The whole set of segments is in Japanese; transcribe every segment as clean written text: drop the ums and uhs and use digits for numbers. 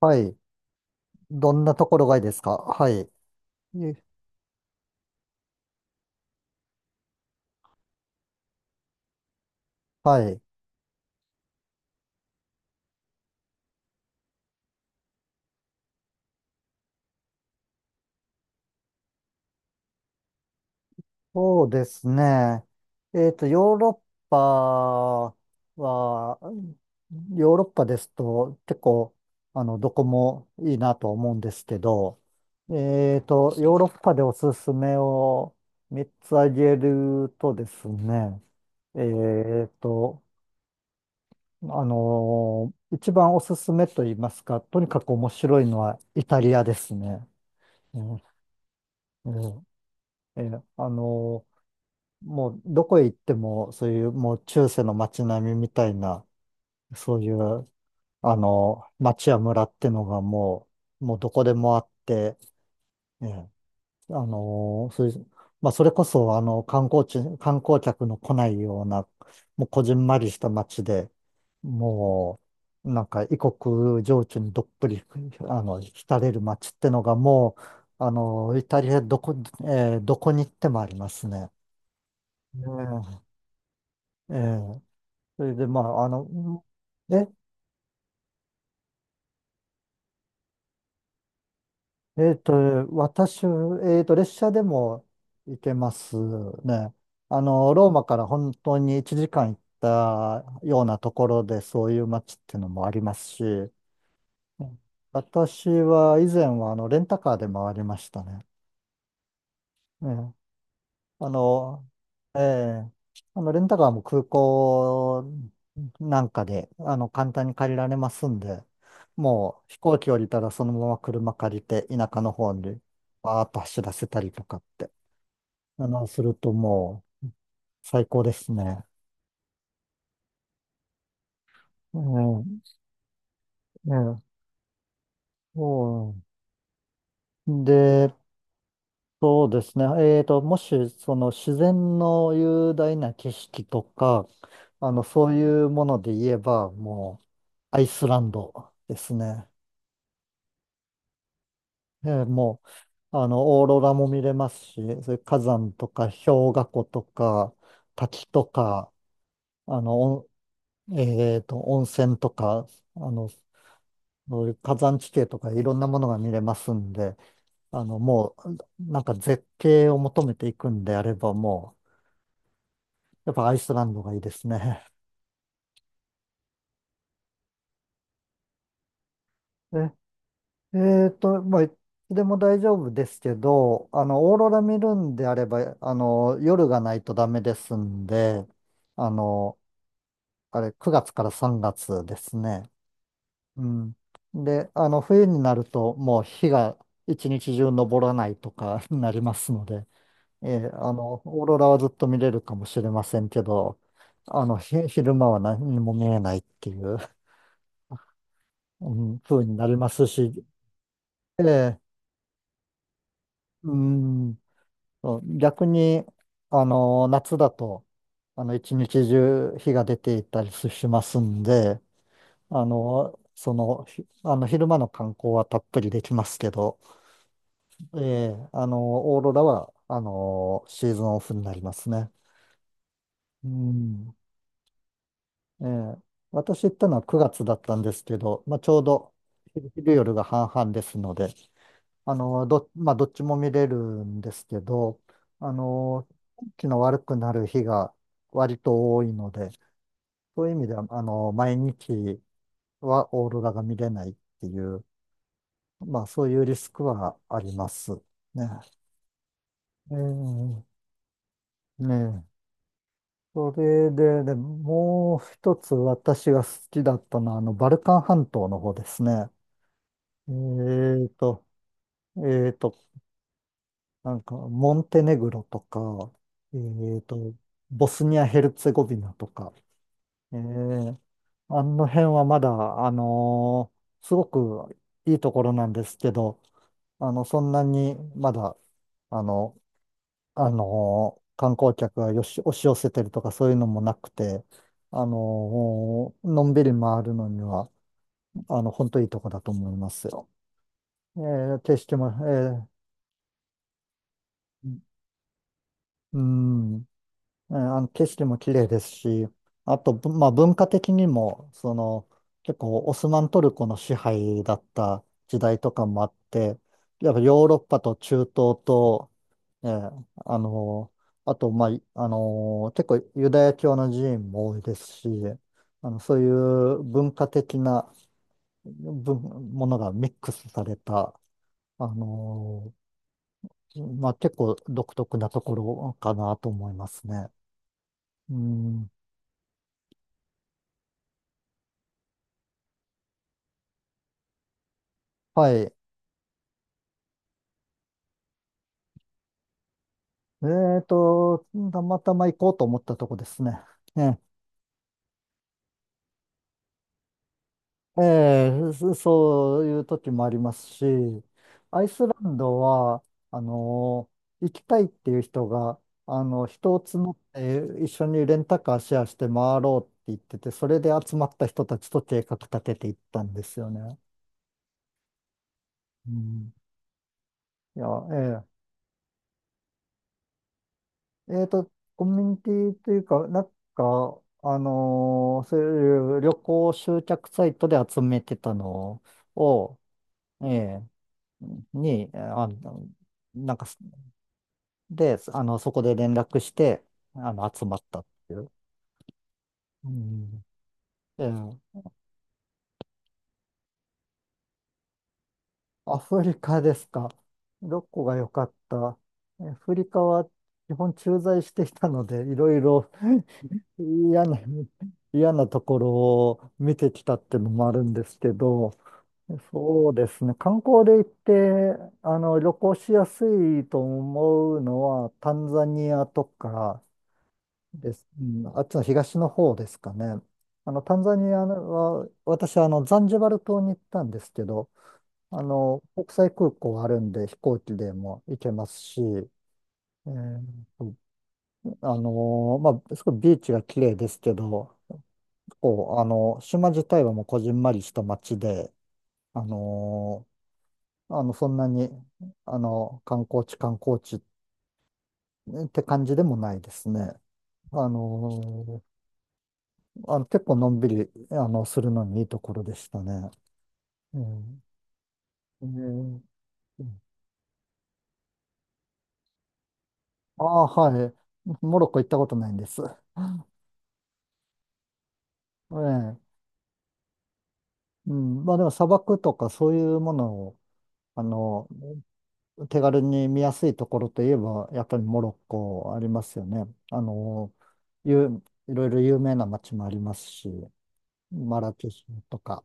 はい。どんなところがいいですか。はい。えはい。そうですね。ヨーロッパは、ヨーロッパですと結構、どこもいいなと思うんですけど、ヨーロッパでおすすめを3つ挙げるとですね。えっと、あの一番おすすめと言いますか、とにかく面白いのはイタリアですね。うんうんええ、もうどこへ行っても、そういうもう中世の街並みみたいな、そういう、町や村ってのがもうどこでもあって、ええ、そういう、まあ、それこそ、観光客の来ないような、もうこじんまりした町で、もう、なんか異国情緒にどっぷり、浸れる町ってのがもう、あの、イタリアどこ、ええ、どこに行ってもありますね。ねえ、ええ、それで、まあ、え、えっと、私、列車でも行けますね。ローマから本当に1時間行ったようなところで、そういう街っていうのもありますし、うん、私は以前は、レンタカーで回りましたね。あの、ええ、レンタカーも空港なんかで、簡単に借りられますんで、もう飛行機降りたらそのまま車借りて、田舎の方にバーッと走らせたりとかって、するともう最高ですね。ええ、ええ、そう。で、そうですね。もし、その自然の雄大な景色とか、そういうもので言えば、もう、アイスランドですね。えーもう、あの、オーロラも見れますし、それ火山とか氷河湖とか滝とか、あの、お温泉とか、あの、そういう火山地形とかいろんなものが見れますんで、もう、なんか絶景を求めていくんであれば、もう、やっぱアイスランドがいいですね。えまあ、いつでも大丈夫ですけど、オーロラ見るんであれば、夜がないとダメですんで、あの、あれ、9月から3月ですね。うん。で、冬になると、もう日が一日中昇らないとか になりますので、ええ、オーロラはずっと見れるかもしれませんけど、昼間は何にも見えないっていう、うん、風になりますし、ええ、うん。そう逆に、夏だと、一日中日が出ていたりしますんで、あの、その、ひあの、昼間の観光はたっぷりできますけど、ええ、オーロラは、シーズンオフになりますね。うん。ええ、私行ったのは9月だったんですけど、まあ、ちょうど夜が半々ですので、まあ、どっちも見れるんですけど、あの、天気の悪くなる日が割と多いので、そういう意味では、毎日はオーロラが見れないっていう、まあ、そういうリスクはあります。ね。えー、ねえ。それで、で、もう一つ私が好きだったのは、バルカン半島の方ですね。えーと、えーと、なんか、モンテネグロとか、えーと、ボスニア・ヘルツェゴビナとか、えー、あの辺はまだ、あのーすごくいいところなんですけど、あの、そんなにまだ、あの、あのー観光客がよし、押し寄せてるとかそういうのもなくて、あのーのんびり回るのには、本当いいとこだと思いますよ。えー、景色も、えー、うん。えーあの景色も綺麗ですし、あと、ぶまあ、文化的にも、その、結構オスマントルコの支配だった時代とかもあって、やっぱヨーロッパと中東と、えーあのあと、まあ、いあの結構ユダヤ教の寺院も多いですし、そういう文化的なぶものがミックスされた、あのまあ、結構独特なところかなと思いますね。うん、はい。えーと、たまたま行こうと思ったとこですね。ええ、そういう時もありますし、アイスランドは、あの、行きたいっていう人が、人を募って一緒にレンタカーシェアして回ろうって言ってて、それで集まった人たちと計画立てていったんですよね。うん、いや、えええっと、コミュニティというか、なんか、あのーそういう旅行集客サイトで集めてたのを、ええに、あの、なんか、で、あの、そこで連絡して、集まったっていう。うん。ええ、アフリカですか。どこが良かった。アフリカは基本駐在していたので、いろいろ嫌な、嫌なところを見てきたってのもあるんですけど、そうですね。観光で行って、旅行しやすいと思うのは、タンザニアとかです。うん、あっちの東の方ですかね。タンザニアは、私、ザンジバル島に行ったんですけど、国際空港あるんで、飛行機でも行けますし、ーとまあ、すごいビーチが綺麗ですけど、構、あの、島自体はもうこじんまりした町で、あのーあの、そんなに、あの、観光地、観光地って感じでもないですね。あの結構のんびり、するのにいいところでしたね。うん。えー、ああ、はい。モロッコ行ったことないんです。ええ、うん。まあでも砂漠とかそういうものを、あの、手軽に見やすいところといえば、やっぱりモロッコありますよね。あの、ゆいろいろ有名な街もありますし、マラケシュとか。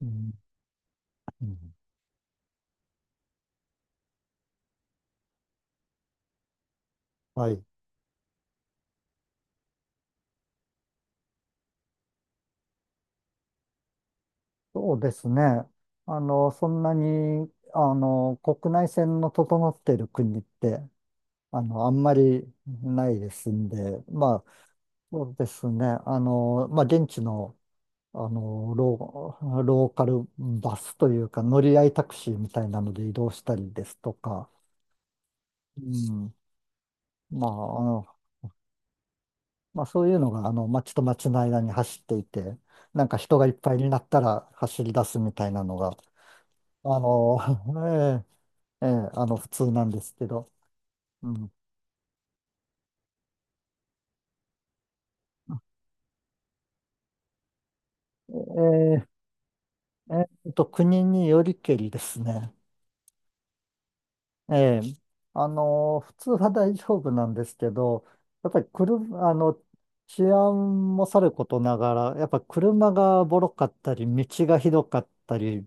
うん、うん。はい。そうですね。あの、そんなに、あの、国内線の整っている国って、あの、あんまりないですんで、まあ、そうですね。まあ、現地のローカルバスというか、乗り合いタクシーみたいなので移動したりですとか、うん、まあ、あのまあ、そういうのが、街と街の間に走っていて、なんか人がいっぱいになったら走り出すみたいなのが、あの、ええ、ええ、普通なんですけど、うん、ええ国によりけりですね。ええ、普通は大丈夫なんですけど、やっぱり車、あの、治安もさることながら、やっぱ車がボロかったり、道がひどかったり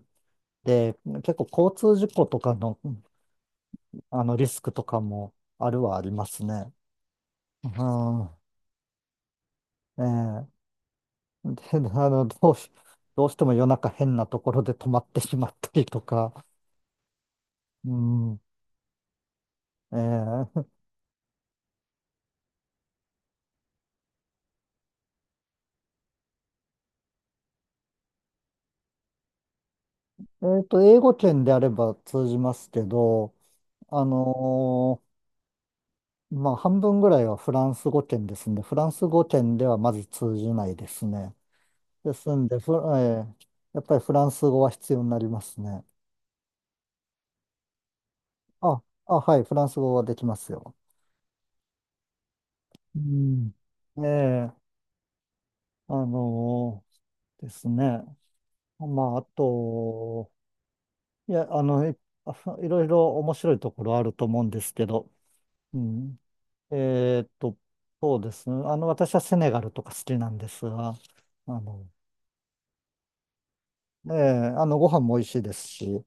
で、結構交通事故とかの、あのリスクとかもあるはありますね。うん、ええ、で、あの、どうし、どうしても夜中変なところで止まってしまったりとか、うん、ええ、英語圏であれば通じますけど、あのーまあ、半分ぐらいはフランス語圏ですんで、フランス語圏ではまず通じないですね。ですんで、フラえーやっぱりフランス語は必要になりますね。あ、あ、はい、フランス語はできますよ。うん。ええ、あのーですね。まあ、あと、いや、あの、い、あいろいろ面白いところあると思うんですけど、うん。えーっと、そうですね。私はセネガルとか好きなんですが、あの、ええ、ご飯も美味しいですし、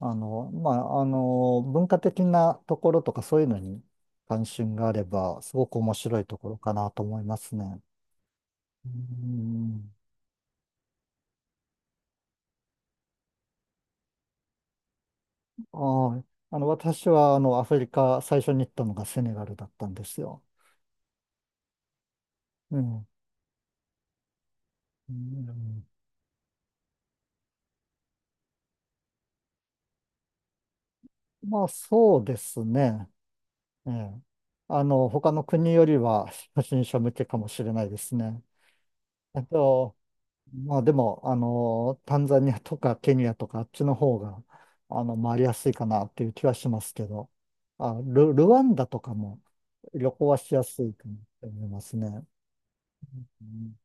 文化的なところとかそういうのに関心があれば、すごく面白いところかなと思いますね。うん。ああ、私は、アフリカ、最初に行ったのがセネガルだったんですよ。うん。うん、まあ、そうですね。ええ。他の国よりは、初心者向けかもしれないですね。あと、まあでも、タンザニアとかケニアとかあっちの方が、回りやすいかなっていう気はしますけど、ルワンダとかも旅行はしやすいかなって思いますね。うん